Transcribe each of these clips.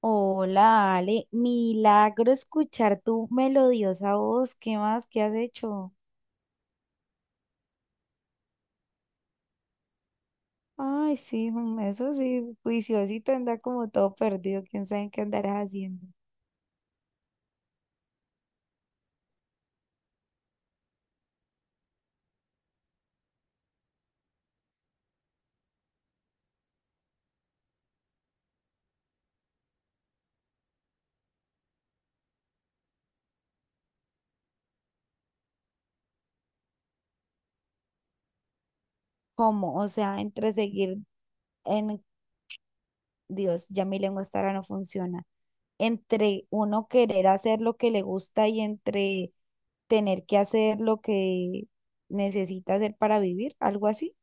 Hola, Ale, milagro escuchar tu melodiosa voz. ¿Qué más? ¿Qué has hecho? Ay, sí, eso sí, juiciosito anda como todo perdido. ¿Quién sabe en qué andarás haciendo? ¿Cómo? O sea, entre seguir en Dios, ya mi lengua estará no funciona. Entre uno querer hacer lo que le gusta y entre tener que hacer lo que necesita hacer para vivir, algo así.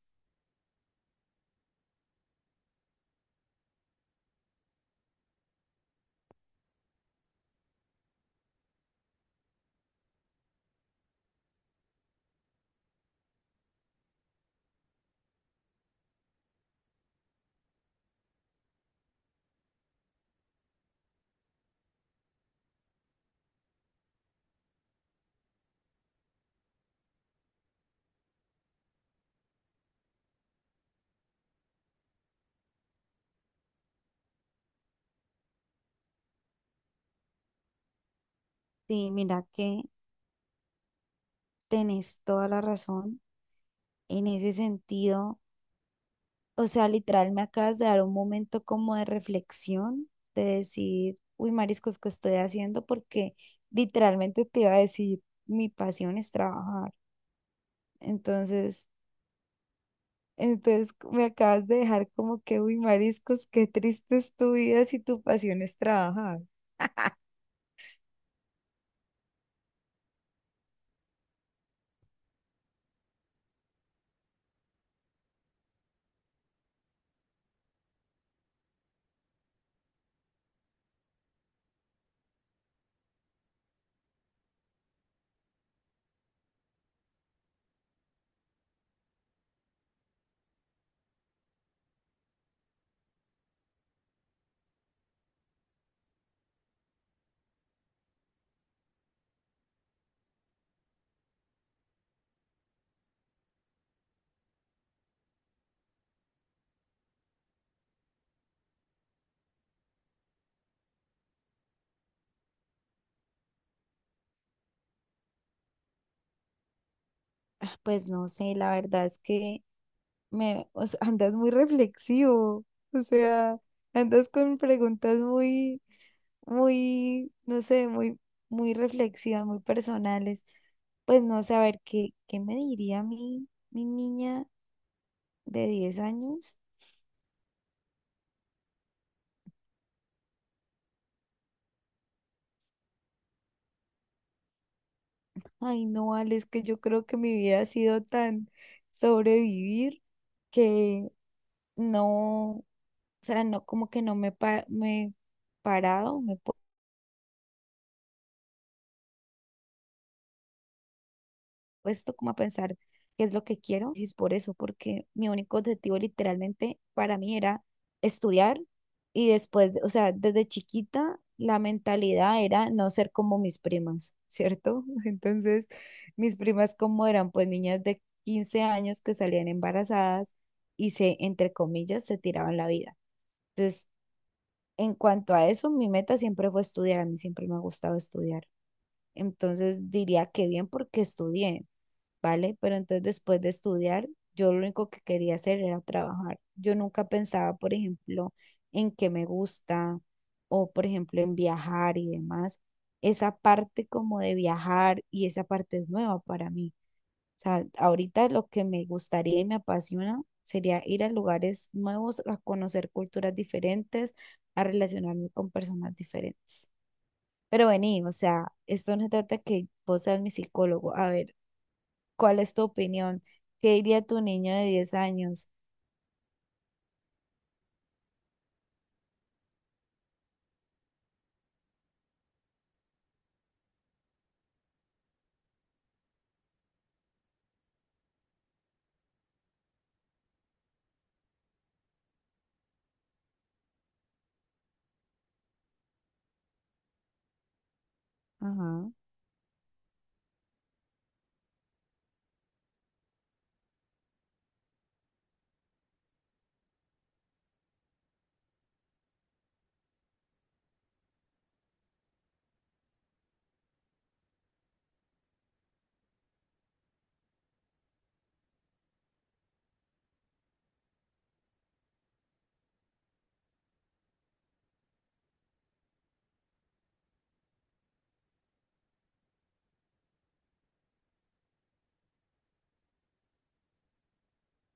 Sí, mira que tenés toda la razón en ese sentido. O sea, literal, me acabas de dar un momento como de reflexión, de decir, uy, mariscos, ¿qué estoy haciendo? Porque literalmente te iba a decir, mi pasión es trabajar. Entonces, entonces me acabas de dejar como que, uy, mariscos, qué triste es tu vida si tu pasión es trabajar. Ah, pues no sé, la verdad es que o sea, andas muy reflexivo, o sea, andas con preguntas muy muy, no sé, muy, muy reflexivas, muy personales. Pues no sé, a ver, ¿qué me diría mi niña de 10 años? Ay, no, Ale, es que yo creo que mi vida ha sido tan sobrevivir que no, o sea, no, como que no me, me he parado, me he puesto como a pensar qué es lo que quiero. Y es por eso, porque mi único objetivo literalmente para mí era estudiar y después, o sea, desde chiquita la mentalidad era no ser como mis primas, ¿cierto? Entonces, mis primas como eran pues niñas de 15 años que salían embarazadas y se, entre comillas, se tiraban la vida. Entonces, en cuanto a eso, mi meta siempre fue estudiar, a mí siempre me ha gustado estudiar. Entonces diría que bien porque estudié, ¿vale? Pero entonces después de estudiar, yo lo único que quería hacer era trabajar. Yo nunca pensaba, por ejemplo, en qué me gusta o, por ejemplo, en viajar y demás. Esa parte como de viajar y esa parte es nueva para mí. O sea, ahorita lo que me gustaría y me apasiona sería ir a lugares nuevos, a conocer culturas diferentes, a relacionarme con personas diferentes. Pero vení, o sea, esto no se trata que vos seas mi psicólogo. A ver. ¿Cuál es tu opinión? ¿Qué diría tu niño de 10 años? Ajá.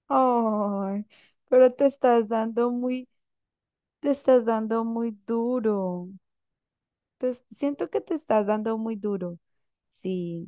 Ay, pero te estás dando muy, te estás dando muy duro. Te es- siento que te estás dando muy duro. Sí.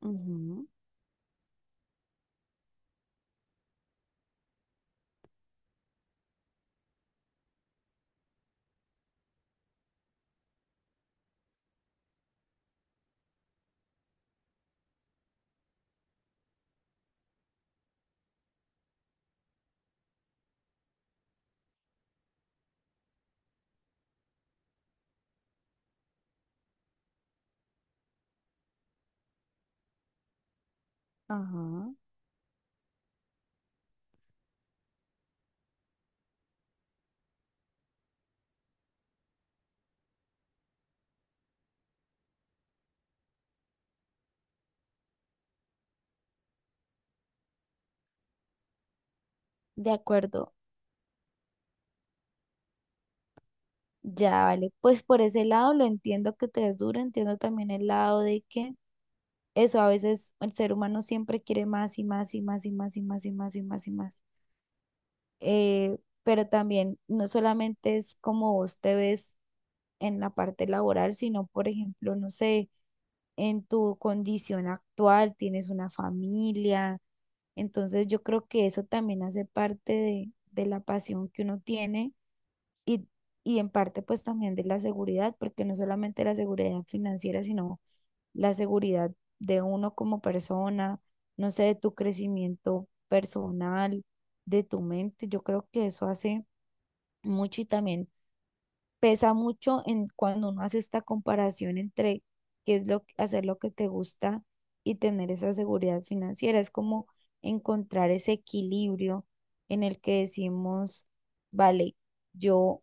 Ujú, ajá. De acuerdo. Ya, vale. Pues por ese lado lo entiendo que te es duro, entiendo también el lado de que eso a veces el ser humano siempre quiere más y más y más y más y más y más y más y más. Eh, pero también no solamente es como vos te ves en la parte laboral, sino, por ejemplo, no sé, en tu condición actual, tienes una familia, entonces yo creo que eso también hace parte de la pasión que uno tiene y, en parte pues también de la seguridad, porque no solamente la seguridad financiera, sino la seguridad de uno como persona, no sé, de tu crecimiento personal, de tu mente, yo creo que eso hace mucho y también pesa mucho en cuando uno hace esta comparación entre qué es lo hacer lo que te gusta y tener esa seguridad financiera. Es como encontrar ese equilibrio en el que decimos, vale, yo,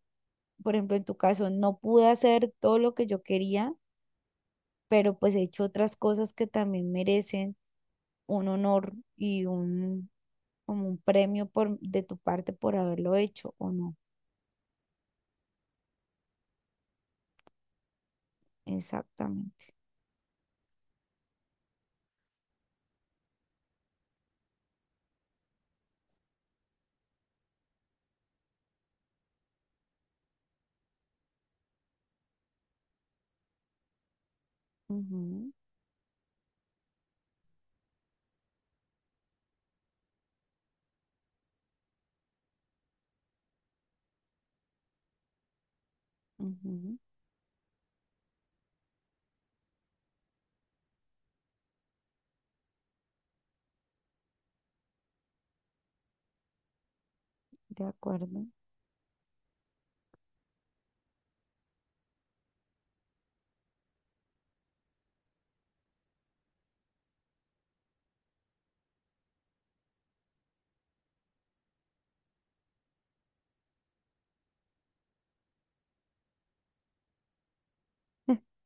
por ejemplo, en tu caso, no pude hacer todo lo que yo quería, pero pues he hecho otras cosas que también merecen un honor y un como un premio por de tu parte por haberlo hecho o no. Exactamente. Ujú, ujú. De acuerdo.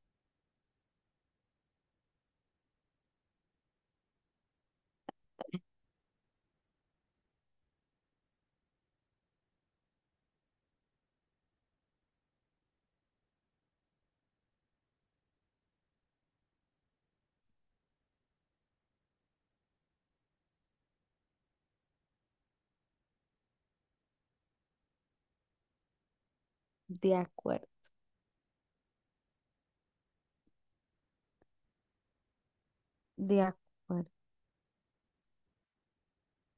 De acuerdo, de acuerdo.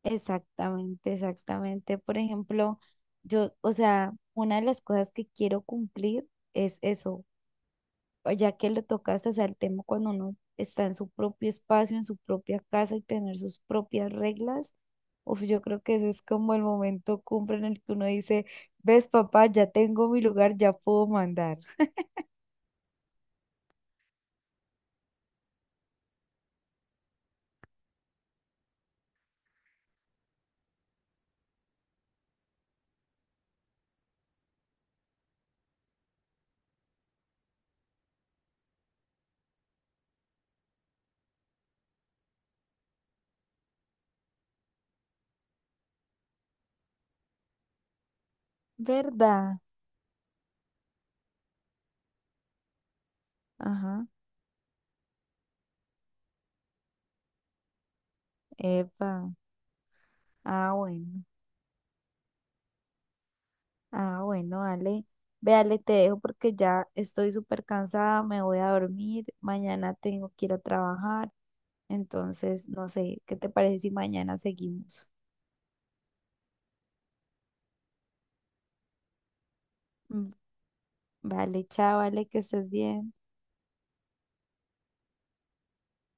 Exactamente, exactamente. Por ejemplo, yo, o sea, una de las cosas que quiero cumplir es eso, ya que le tocaste, o sea, el tema cuando uno está en su propio espacio, en su propia casa y tener sus propias reglas. Uf, yo creo que ese es como el momento cumbre en el que uno dice, ves, papá, ya tengo mi lugar, ya puedo mandar. ¿Verdad? Ajá. Epa. Ah, bueno. Ah, bueno, Ale. Ve, Ale, te dejo porque ya estoy súper cansada, me voy a dormir, mañana tengo que ir a trabajar, entonces no sé, ¿qué te parece si mañana seguimos? Mm, vale, chao, Ale, que estés bien.